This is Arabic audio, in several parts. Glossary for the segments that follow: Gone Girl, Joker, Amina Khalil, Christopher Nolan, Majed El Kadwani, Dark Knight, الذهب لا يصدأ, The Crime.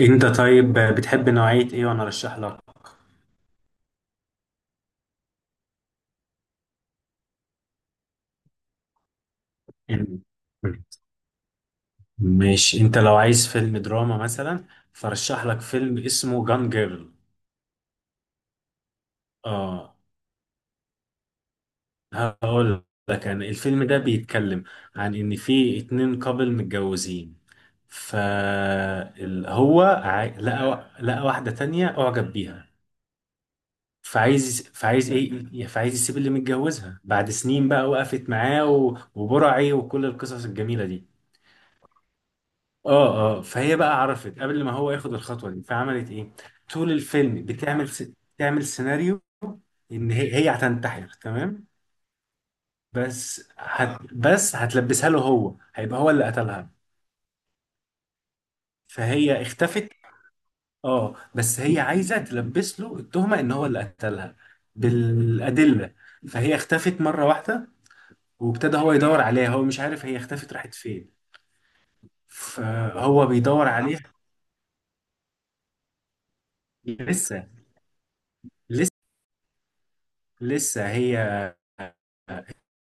انت طيب بتحب نوعية ايه وانا ارشح لك. يعني- ماشي، انت لو عايز فيلم دراما مثلا فرشح لك فيلم اسمه جان جيرل. اه، هقول لك انا الفيلم ده بيتكلم عن ان في اتنين كابل متجوزين، فهو لقى واحدة تانية اعجب بيها. فعايز يسيب اللي متجوزها بعد سنين بقى وقفت معاه وبرعي وكل القصص الجميلة دي. اه فهي بقى عرفت قبل ما هو ياخد الخطوه دي، فعملت ايه؟ طول الفيلم تعمل سيناريو ان هي هتنتحر تمام، بس هتلبسها له، هو هيبقى هو اللي قتلها. فهي اختفت. اه، بس هي عايزه تلبس له التهمه ان هو اللي قتلها بالادله. فهي اختفت مره واحده، وابتدى هو يدور عليها، هو مش عارف هي اختفت راحت فين. فهو بيدور عليها. لسه لسه لسه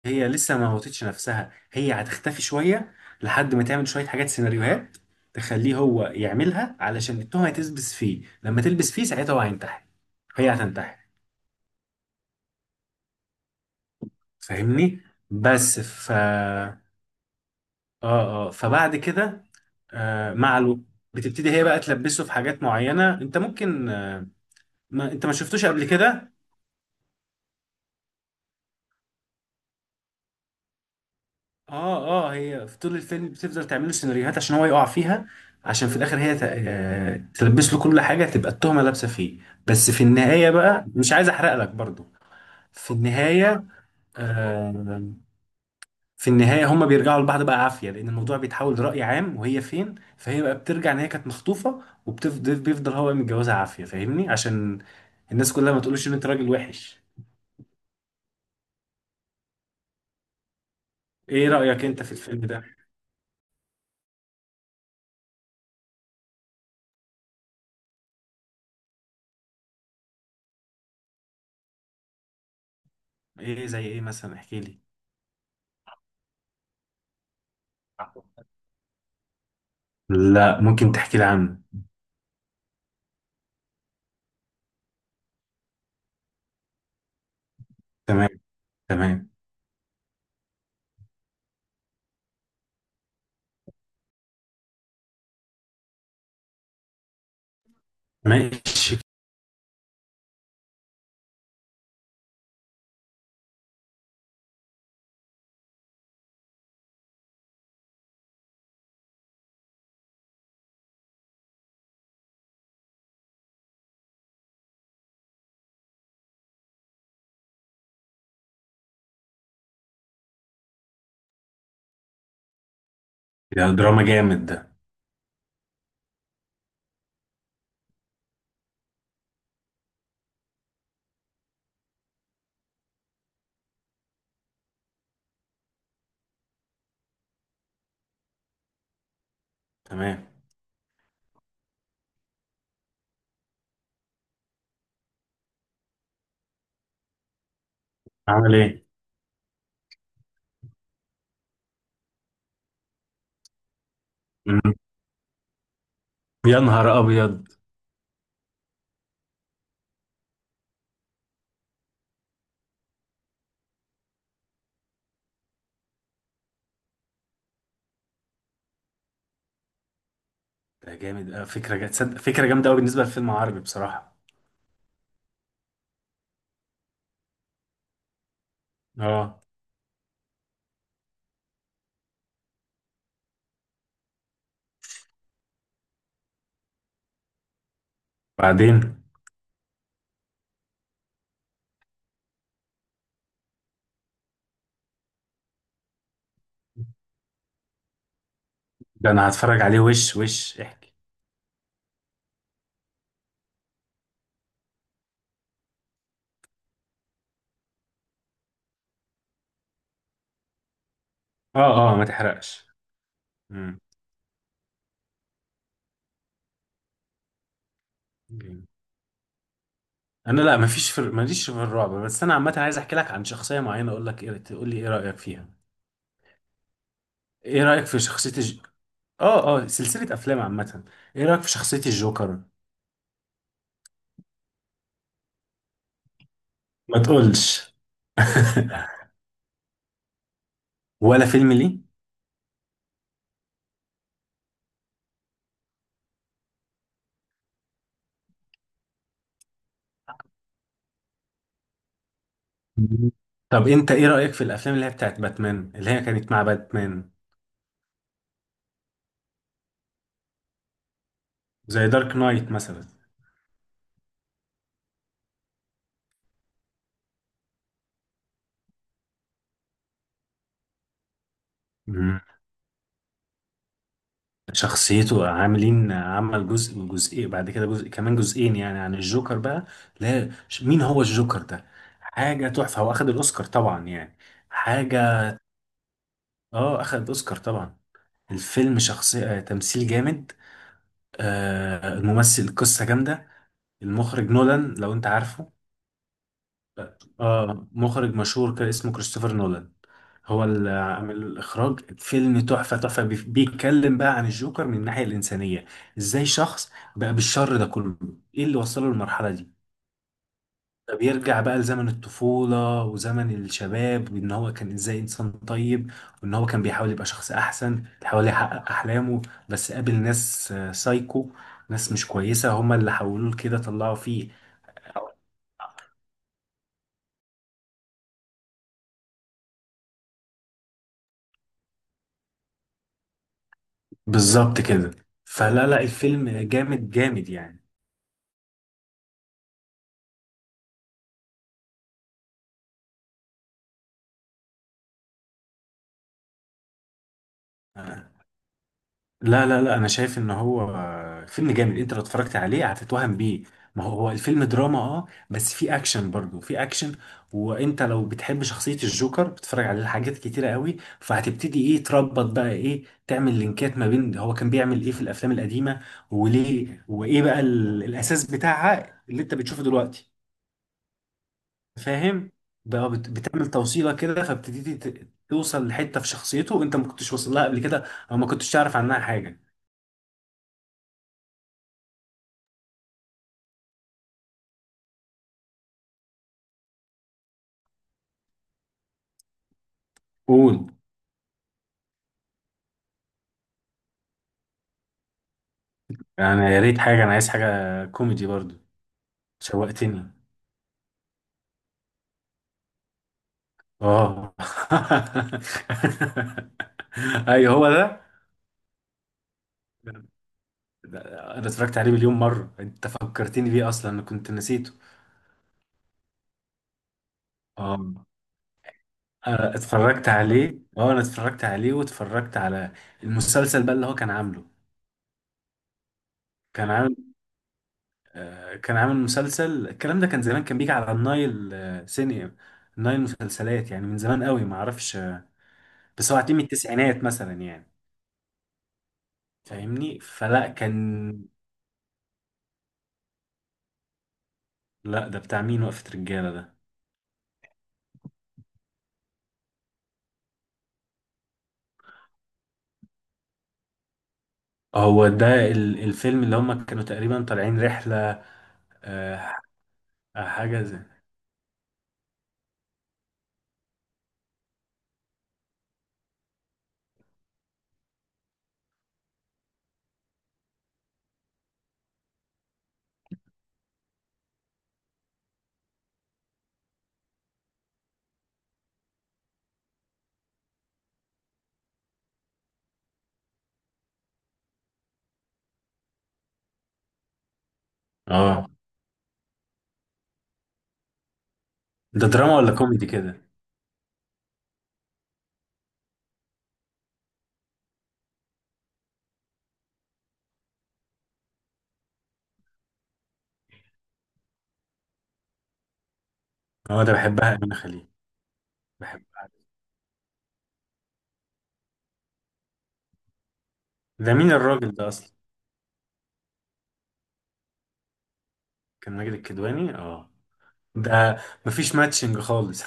هي لسه ما موتتش نفسها، هي هتختفي شوية لحد ما تعمل شوية حاجات سيناريوهات تخليه هو يعملها، علشان التهمة تلبس فيه. لما تلبس فيه ساعتها هو هينتحر، هي هتنتحر. فاهمني؟ بس ف اه فبعد كده مع الوقت بتبتدي هي بقى تلبسه في حاجات معينة. انت ممكن ما انت ما شفتوش قبل كده؟ اه هي في طول الفيلم بتفضل تعمل له سيناريوهات عشان هو يقع فيها، عشان في الاخر هي تلبس له كل حاجه، تبقى التهمه لابسه فيه. بس في النهايه بقى مش عايز احرق لك برضو. في النهايه، آه في النهايه، هما بيرجعوا لبعض بقى عافيه، لان الموضوع بيتحول لراي عام وهي فين. فهي بقى بترجع ان هي كانت مخطوفه، وبتفضل بيفضل هو متجوزها عافيه. فاهمني؟ عشان الناس كلها ما تقولش ان انت راجل وحش. ايه رايك انت في الفيلم ده؟ ايه زي ايه مثلا؟ احكي لي. لا، ممكن تحكي لي عنه. تمام. تمام. ماشي. ده دراما جامد ده. تمام. عمل ايه؟ مم. يا نهار ابيض. ده جامد أوي. تصدق فكره جامده قوي بالنسبه لفيلم عربي بصراحه. اه. بعدين. ده انا هتفرج عليه. وش احكي. اه ما تحرقش. مم. جامد. انا لا، مفيش، في ماليش في الرعب، بس انا عامه عايز احكي لك عن شخصيه معينه، اقول لك ايه تقول لي ايه رايك فيها. ايه رايك في اه سلسله افلام عامه. ايه رايك في شخصيه الجوكر؟ ما تقولش. ولا فيلم ليه. مم. طب انت ايه رأيك في الافلام اللي هي بتاعت باتمان، اللي هي كانت مع باتمان، زي دارك نايت مثلا؟ مم. شخصيته عاملين عمل جزء وجزئين، بعد كده جزء كمان جزئين، يعني عن الجوكر بقى. لا ش- مين هو الجوكر ده؟ حاجة تحفة، هو اخد الاوسكار طبعا يعني. حاجة، اه اخد الاوسكار طبعا. الفيلم شخصية تمثيل جامد، آه الممثل قصة جامدة. المخرج نولان، لو انت عارفه. اه مخرج مشهور، كان اسمه كريستوفر نولان. هو اللي عامل الاخراج. فيلم تحفه تحفه، بيتكلم بقى عن الجوكر من الناحيه الانسانيه، ازاي شخص بقى بالشر ده كله، ايه اللي وصله للمرحله دي. فبيرجع بقى لزمن الطفوله وزمن الشباب، وان هو كان ازاي انسان طيب، وان هو كان بيحاول يبقى شخص احسن، بيحاول يحقق احلامه. بس قابل ناس سايكو، ناس مش كويسه، هما اللي حولوه لكده، طلعوا فيه. بالظبط كده. فلا لا الفيلم جامد جامد يعني. آه، لا انا شايف ان هو فيلم جامد، انت لو اتفرجت عليه هتتوهم بيه. ما هو هو الفيلم دراما، اه بس في اكشن، برضه في اكشن. وانت لو بتحب شخصية الجوكر بتتفرج عليه حاجات كتيرة قوي، فهتبتدي ايه تربط، بقى ايه تعمل لينكات ما بين هو كان بيعمل ايه في الافلام القديمة، وليه وايه بقى الاساس بتاعها اللي انت بتشوفه دلوقتي. فاهم. بقى بتعمل توصيله كده، فابتديتي توصل لحته في شخصيته انت ما كنتش واصل لها قبل كده، او ما كنتش تعرف عنها حاجه. قول. يعني يا ريت حاجه، انا عايز حاجه كوميدي برضو. شوقتني. اه. ايوه هو ده. ده- انا اتفرجت عليه 1000000 مره، انت فكرتني بيه اصلا انا كنت نسيته. اه. أنا اتفرجت عليه، اه انا اتفرجت عليه واتفرجت على المسلسل بقى اللي هو كان عامله. كان عامل، كان عامل مسلسل الكلام ده، كان زمان كان بيجي على النايل، سينما النايل مسلسلات، يعني من زمان قوي، ما اعرفش بس هو هتلاقيه من التسعينات مثلا يعني. فاهمني؟ فلا كان. لا، ده بتاع مين وقفة رجالة ده؟ هو ده الفيلم اللي هم كانوا تقريبا طالعين رحلة. آه، حاجة زي، اه. ده دراما ولا كوميدي كده؟ اه ده بحبها أمينة خليل، بحبها. ده مين الراجل ده أصلا؟ كان ماجد الكدواني، اه. ده مفيش ماتشنج خالص.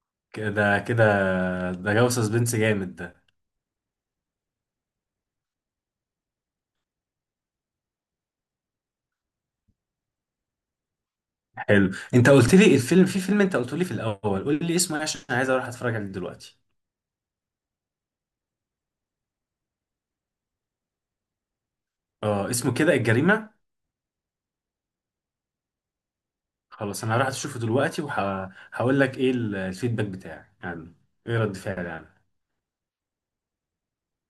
كده كده. ده جو سسبنس جامد ده. حلو، انت قلت لي الفيلم، في فيلم انت قلت لي في الاول، قول لي اسمه ايه عشان انا عايز اروح اتفرج عليه دلوقتي. اه اسمه كده الجريمة. خلاص انا هروح اشوفه دلوقتي، وهقول لك ايه الفيدباك بتاعي يعني، ايه رد فعلي يعني.